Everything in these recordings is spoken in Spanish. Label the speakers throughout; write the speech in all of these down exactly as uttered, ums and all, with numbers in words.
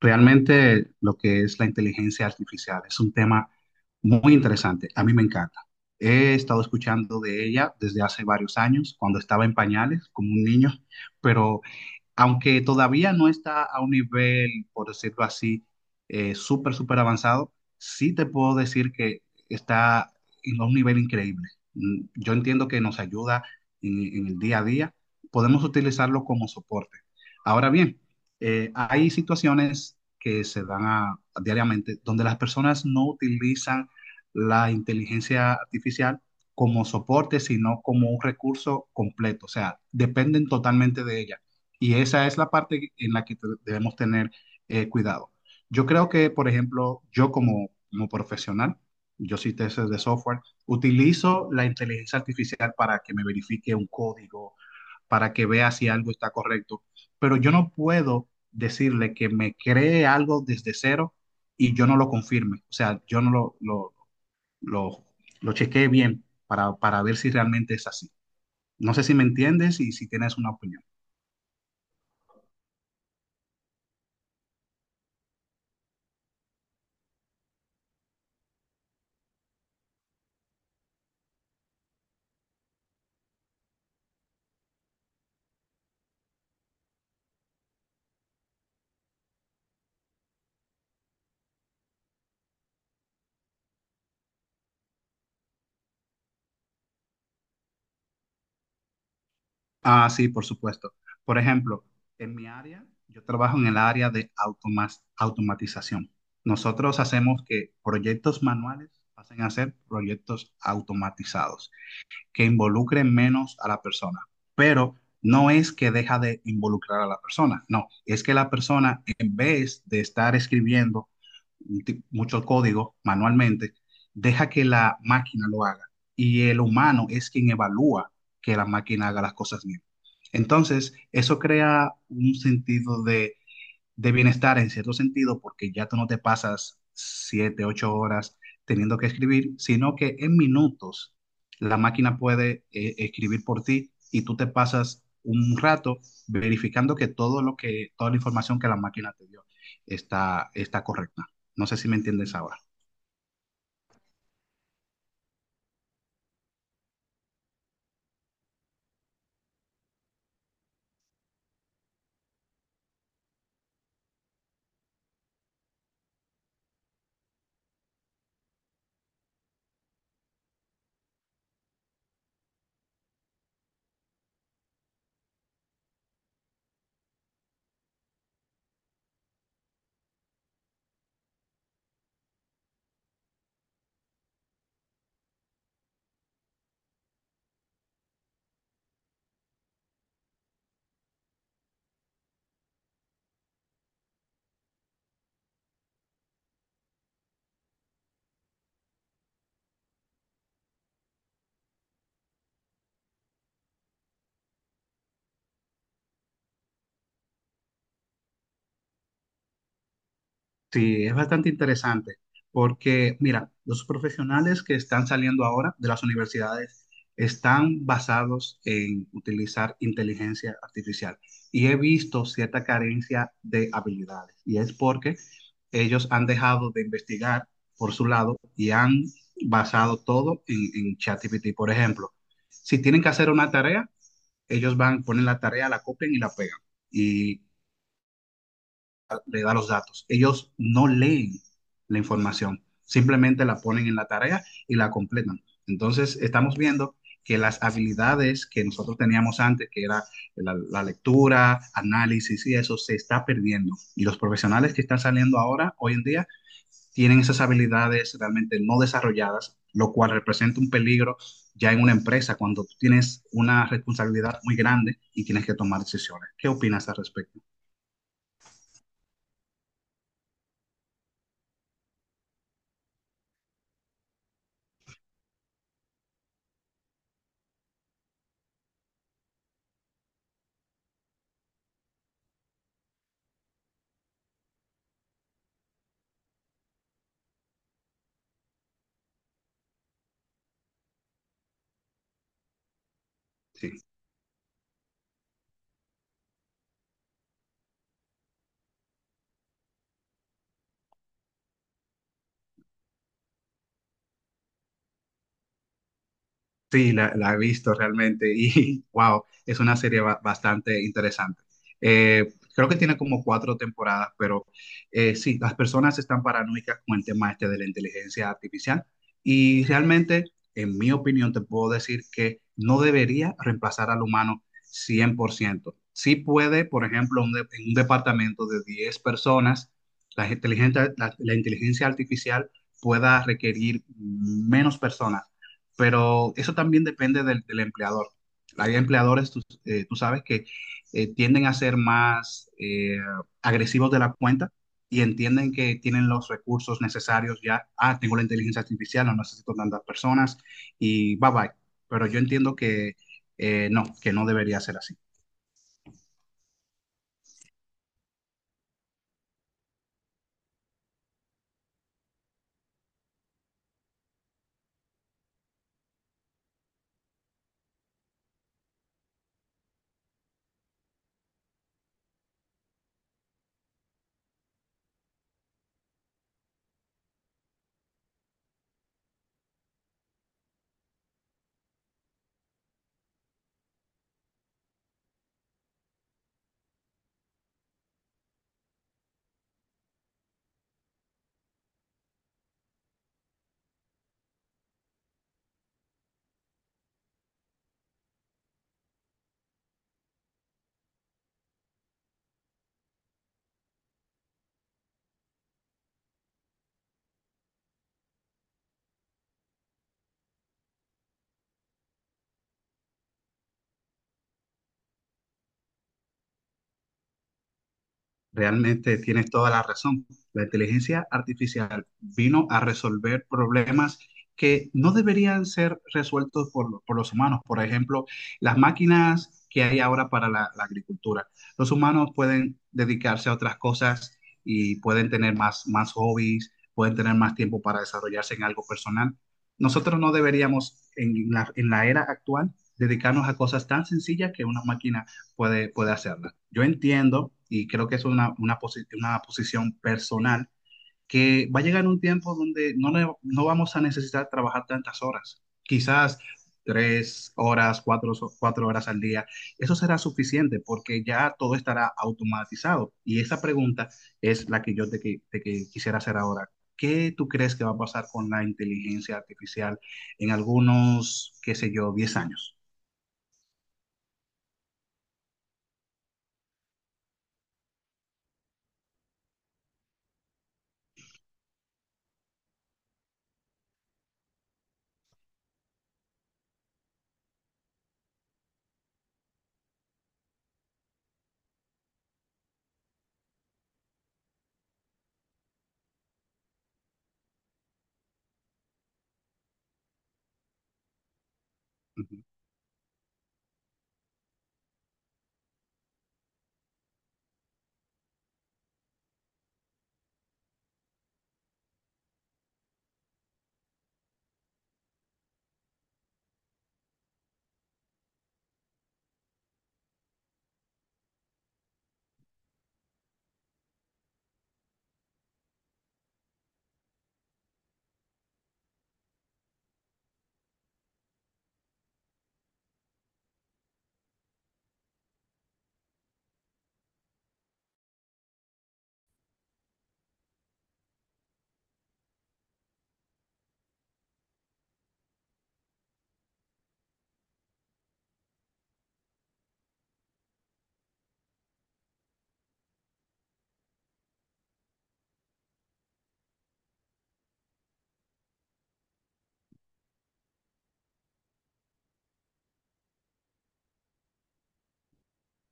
Speaker 1: Realmente lo que es la inteligencia artificial es un tema muy interesante. A mí me encanta. He estado escuchando de ella desde hace varios años, cuando estaba en pañales, como un niño, pero aunque todavía no está a un nivel, por decirlo así, eh, súper, súper avanzado, sí te puedo decir que está en un nivel increíble. Mm, Yo entiendo que nos ayuda en, en el día a día. Podemos utilizarlo como soporte. Ahora bien, eh, hay situaciones que se dan a- diariamente donde las personas no utilizan la inteligencia artificial como soporte, sino como un recurso completo. O sea, dependen totalmente de ella. Y esa es la parte en la que te- debemos tener eh, cuidado. Yo creo que, por ejemplo, yo como, como profesional, yo soy tester de software, utilizo la inteligencia artificial para que me verifique un código, para que vea si algo está correcto, pero yo no puedo decirle que me cree algo desde cero y yo no lo confirme. O sea, yo no lo, lo, lo, lo chequeé bien para, para ver si realmente es así. No sé si me entiendes y si tienes una opinión. Ah, sí, por supuesto. Por ejemplo, en mi área, yo trabajo en el área de automas- automatización. Nosotros hacemos que proyectos manuales pasen a ser proyectos automatizados que involucren menos a la persona. Pero no es que deja de involucrar a la persona, no, es que la persona en vez de estar escribiendo mucho código manualmente, deja que la máquina lo haga y el humano es quien evalúa que la máquina haga las cosas bien. Entonces, eso crea un sentido de de bienestar en cierto sentido, porque ya tú no te pasas siete, ocho horas teniendo que escribir, sino que en minutos la máquina puede eh, escribir por ti y tú te pasas un rato verificando que todo lo que, toda la información que la máquina te dio está, está correcta. No sé si me entiendes ahora. Sí, es bastante interesante porque, mira, los profesionales que están saliendo ahora de las universidades están basados en utilizar inteligencia artificial y he visto cierta carencia de habilidades y es porque ellos han dejado de investigar por su lado y han basado todo en, en ChatGPT. Por ejemplo, si tienen que hacer una tarea, ellos van, ponen la tarea, la copian y la pegan. Y le da los datos. Ellos no leen la información, simplemente la ponen en la tarea y la completan. Entonces, estamos viendo que las habilidades que nosotros teníamos antes, que era la, la, lectura, análisis y eso, se está perdiendo. Y los profesionales que están saliendo ahora, hoy en día, tienen esas habilidades realmente no desarrolladas, lo cual representa un peligro ya en una empresa cuando tú tienes una responsabilidad muy grande y tienes que tomar decisiones. ¿Qué opinas al respecto? Sí, Sí, la, la he visto realmente y wow, es una serie ba- bastante interesante. Eh, creo que tiene como cuatro temporadas, pero eh, sí, las personas están paranoicas con el tema este de la inteligencia artificial y realmente, en mi opinión, te puedo decir que no debería reemplazar al humano cien por ciento. Sí puede, por ejemplo, un de- en un departamento de diez personas, la inteligencia, la la inteligencia artificial pueda requerir menos personas pero eso también depende del, del empleador. Hay empleadores, tú, eh, tú sabes, que eh, tienden a ser más eh, agresivos de la cuenta y entienden que tienen los recursos necesarios ya. Ah, tengo la inteligencia artificial, no necesito tantas personas y bye bye. Pero yo entiendo que eh, no, que no debería ser así. Realmente tienes toda la razón. La inteligencia artificial vino a resolver problemas que no deberían ser resueltos por, lo- por los humanos. Por ejemplo, las máquinas que hay ahora para la, la agricultura. Los humanos pueden dedicarse a otras cosas y pueden tener más, más hobbies, pueden tener más tiempo para desarrollarse en algo personal. Nosotros no deberíamos, en la, en la era actual, dedicarnos a cosas tan sencillas que una máquina puede, puede hacerla. Yo entiendo, y creo que es una, una, posi- una posición personal, que va a llegar un tiempo donde no, ne- no vamos a necesitar trabajar tantas horas. Quizás tres horas, cuatro, so- cuatro horas al día. Eso será suficiente porque ya todo estará automatizado. Y esa pregunta es la que yo te, qui- te qui- quisiera hacer ahora. ¿Qué tú crees que va a pasar con la inteligencia artificial en algunos, qué sé yo, diez años?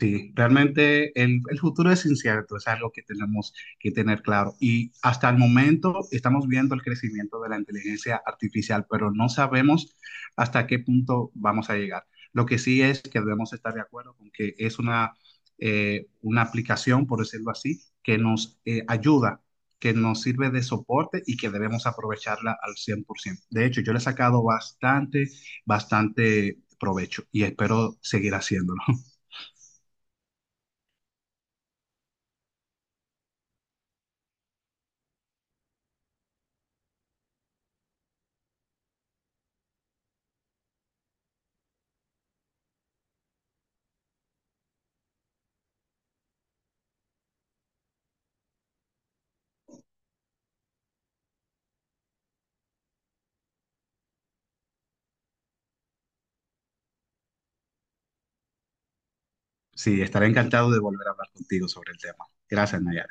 Speaker 1: Sí, realmente el, el futuro es incierto, es algo que tenemos que tener claro. Y hasta el momento estamos viendo el crecimiento de la inteligencia artificial, pero no sabemos hasta qué punto vamos a llegar. Lo que sí es que debemos estar de acuerdo con que es una, eh, una aplicación, por decirlo así, que nos eh, ayuda, que nos sirve de soporte y que debemos aprovecharla al cien por ciento. De hecho, yo le he sacado bastante, bastante provecho y espero seguir haciéndolo. Sí, estaré encantado de volver a hablar contigo sobre el tema. Gracias, Nayar.